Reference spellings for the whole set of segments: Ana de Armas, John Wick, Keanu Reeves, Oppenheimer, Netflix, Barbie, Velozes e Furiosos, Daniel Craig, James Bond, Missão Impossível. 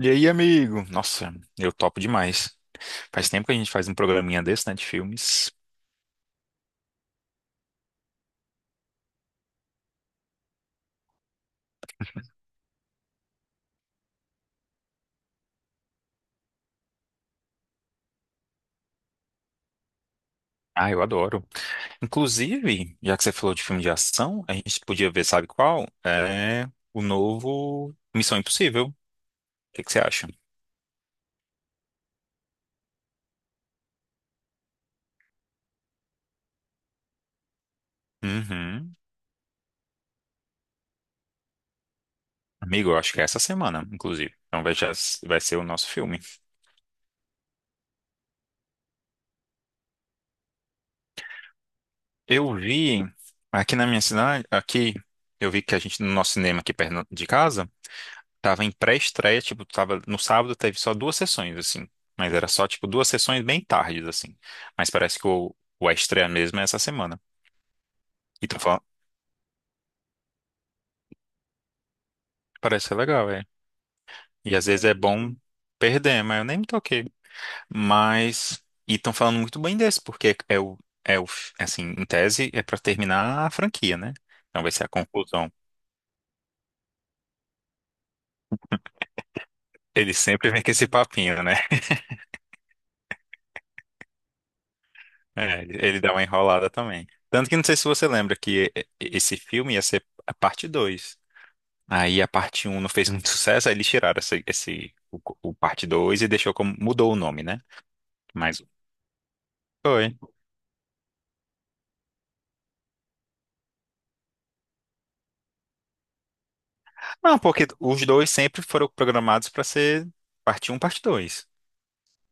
E aí, amigo? Nossa, eu topo demais. Faz tempo que a gente faz um programinha desse, né, de filmes. Ah, eu adoro. Inclusive, já que você falou de filme de ação, a gente podia ver, sabe qual? É o novo Missão Impossível. O que que você acha? Uhum. Amigo, eu acho que é essa semana, inclusive. Então vai, vai ser o nosso filme. Eu vi aqui na minha cidade, aqui, eu vi que a gente, no nosso cinema aqui perto de casa, tava em pré-estreia, tipo, tava no sábado teve só duas sessões, assim. Mas era só, tipo, duas sessões bem tardes, assim. Mas parece que o a estreia mesmo é essa semana. E tô falando, parece ser legal, é. E às vezes é bom perder, mas eu nem me toquei. Mas, e estão falando muito bem desse, porque é o, assim, em tese é pra terminar a franquia, né? Então vai ser a conclusão. Ele sempre vem com esse papinho, né? É, ele dá uma enrolada também. Tanto que não sei se você lembra que esse filme ia ser a parte 2. Aí a parte um não fez muito sucesso, aí eles tiraram o parte 2 e deixou como, mudou o nome, né? Mas foi. Não, porque os dois sempre foram programados para ser parte um parte 2.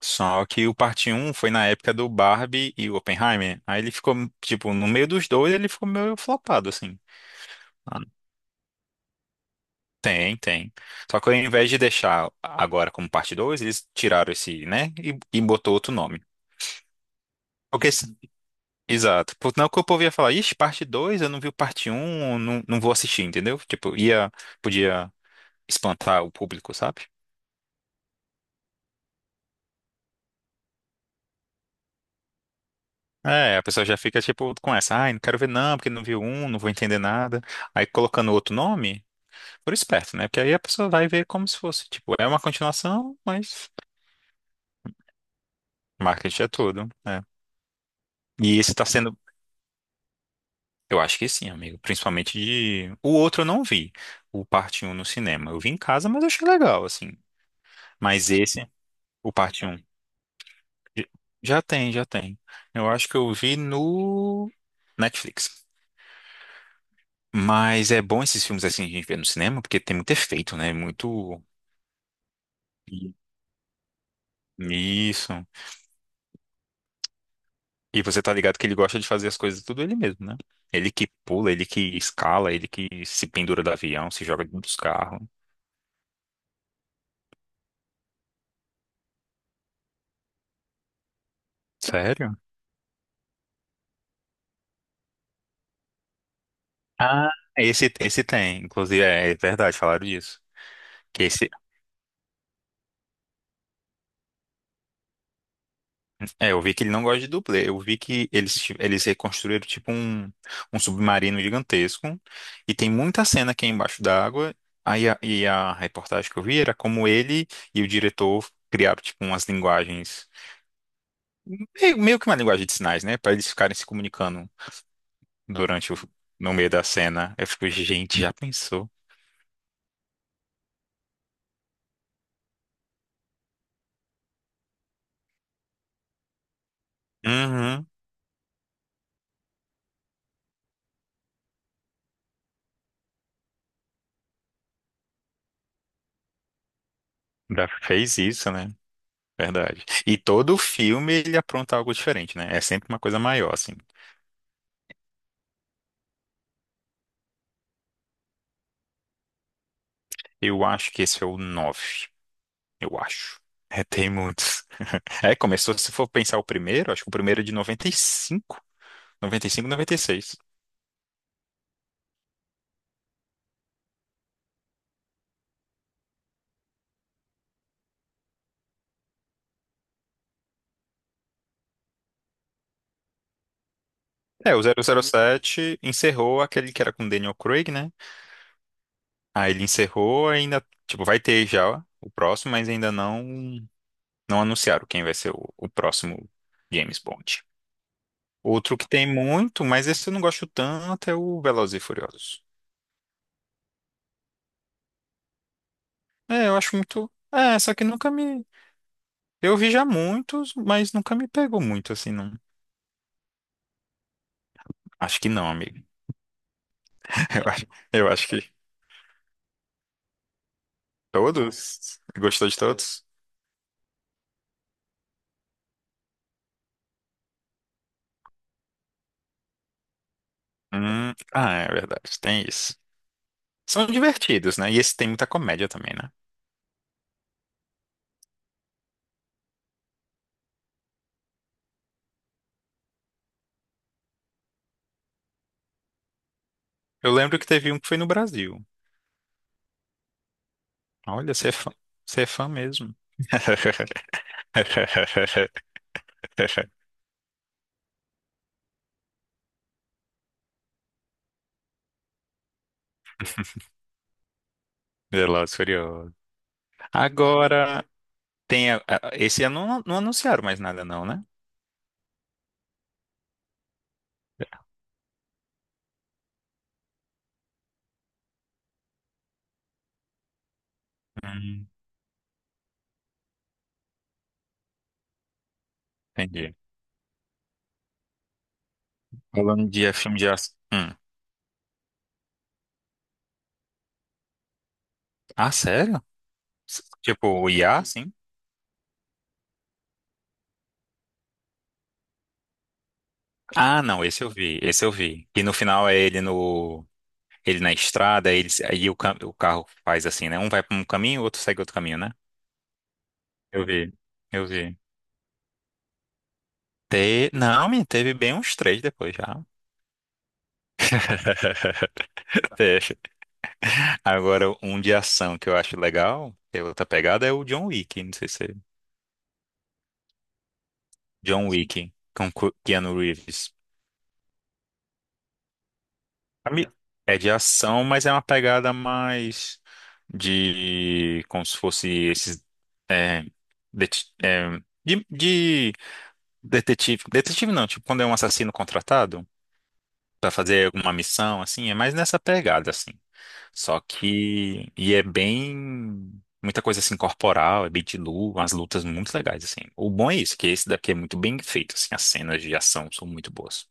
Só que o parte um foi na época do Barbie e o Oppenheimer. Aí ele ficou, tipo, no meio dos dois, ele ficou meio flopado, assim. Ah, tem, tem. Só que ao invés de deixar agora como parte 2 eles tiraram esse, né? E botou outro nome. Porque Exato. Não que o povo ia falar, ixi, parte 2 eu não vi o parte um, não, não vou assistir, entendeu? Tipo, ia, podia espantar o público, sabe? É, a pessoa já fica, tipo, com essa, ai, não quero ver não, porque não viu um, não vou entender nada. Aí colocando outro nome, por esperto, né? Porque aí a pessoa vai ver como se fosse, tipo, é uma continuação, mas marketing é tudo, né? E isso tá sendo, eu acho que sim, amigo, principalmente de... O outro eu não vi, o parte um no cinema. Eu vi em casa, mas eu achei legal, assim. Mas esse, o parte 1. J- Já tem, já tem. Eu acho que eu vi no Netflix. Mas é bom esses filmes assim a gente vê no cinema, porque tem muito efeito, né? Muito. I- Isso. E você tá ligado que ele gosta de fazer as coisas tudo ele mesmo, né? Ele que pula, ele que escala, ele que se pendura do avião, se joga dos carros. Sério? Ah, esse tem. Inclusive, é verdade, falaram disso. Que esse, É, eu vi que ele não gosta de dublê. Eu vi que eles reconstruíram tipo um, um submarino gigantesco e tem muita cena aqui embaixo d'água. Aí e a reportagem que eu vi era como ele e o diretor criaram tipo umas linguagens, meio que uma linguagem de sinais, né? Para eles ficarem se comunicando durante o, no meio da cena. Eu fico, gente, já pensou? Uhum, já fez isso, né? Verdade. E todo filme ele apronta algo diferente, né? É sempre uma coisa maior, assim. Eu acho que esse é o 9 eu acho. É, tem muitos. É, começou, se for pensar o primeiro, acho que o primeiro é de noventa noventa e cinco, noventa e cinco, noventa e seis. É, o zero zero sete encerrou aquele que era com Daniel Craig, né? Aí ele encerrou, ainda, tipo, vai ter já o próximo, mas ainda não anunciaram quem vai ser o próximo James Bond. Outro que tem muito, mas esse eu não gosto tanto, é o Velozes e Furiosos. É, eu acho muito. É, só que nunca me. Eu vi já muitos, mas nunca me pegou muito, assim, não. Acho que não, amigo. Eu acho, eu acho que todos. Gostou de todos? Ah, é verdade, tem isso. São divertidos, né? E esse tem muita comédia também, né? Eu lembro que teve um que foi no Brasil. Olha, você é fã mesmo. Velozes e Furiosos. Agora, tem. Esse ano não, anunciaram mais nada, não, né? Hum, entendi. Falando de filme de ação. Hum. Ah, sério? Tipo, o IA, assim? Ah, não, esse eu vi. E no final é ele no ele na estrada, ele aí o carro faz assim, né? Um vai para um caminho, o outro segue outro caminho, né? Eu vi. Eu vi. Não, me teve bem uns três depois já. Fecha. Agora, um de ação que eu acho legal, que é outra pegada, é o John Wick. Não sei se é John Wick, com Keanu Reeves. Ami- É de ação, mas é uma pegada mais de como se fosse esses é, det- é, de detetive. Detetive não, tipo quando é um assassino contratado para fazer alguma missão, assim, é mais nessa pegada, assim. Só que é bem muita coisa assim corporal, é bem de luta, umas lutas muito legais assim. O bom é isso, que esse daqui é muito bem feito, assim, as cenas de ação são muito boas.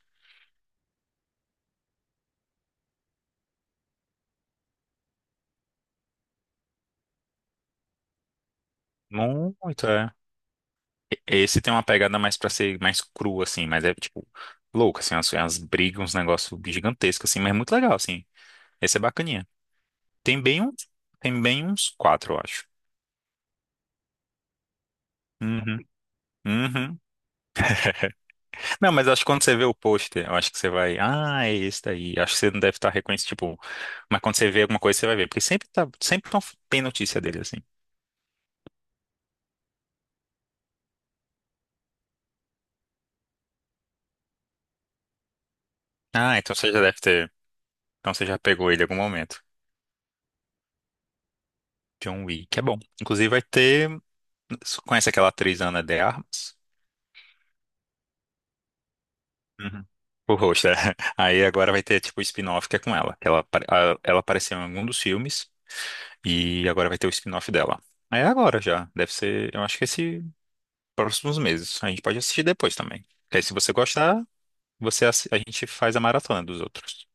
Muito, é. Esse tem uma pegada mais pra ser mais cru, assim, mas é, tipo, louco, assim, umas brigas, uns negócios gigantescos, assim, mas é muito legal, assim. Esse é bacaninha. Tem bem uns, tem bem uns quatro, eu acho. Uhum, uhum. Não, mas acho que quando você vê o pôster, eu acho que você vai, ah, é esse daí. Acho que você não deve estar reconhecendo, tipo, mas quando você vê alguma coisa, você vai ver, porque sempre tem notícia dele, assim. Ah, então você já deve ter, então você já pegou ele em algum momento. John Wick, é bom. Inclusive vai ter você conhece aquela atriz Ana de Armas? Uhum. O rosto, é. Aí agora vai ter tipo o spin-off que é com ela. Que ela apareceu em algum dos filmes e agora vai ter o spin-off dela. Aí é agora já. Deve ser, eu acho que esse próximos meses. A gente pode assistir depois também. Porque aí se você gostar, a gente faz a maratona dos outros.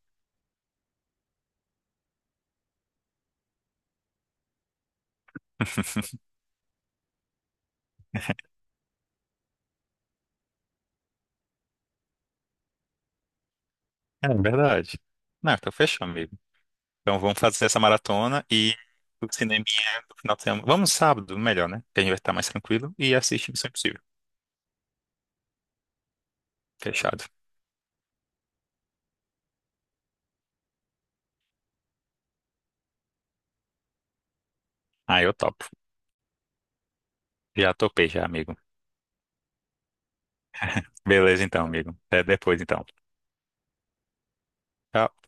É verdade. Não, então fechou, amigo. Então vamos fazer essa maratona e o cineminha do final de semana. Vamos sábado, melhor, né? Que a gente vai estar mais tranquilo e assiste Missão Impossível. Fechado. Ah, eu topo. Já topei já, amigo. Beleza então, amigo. Até depois então. Tchau.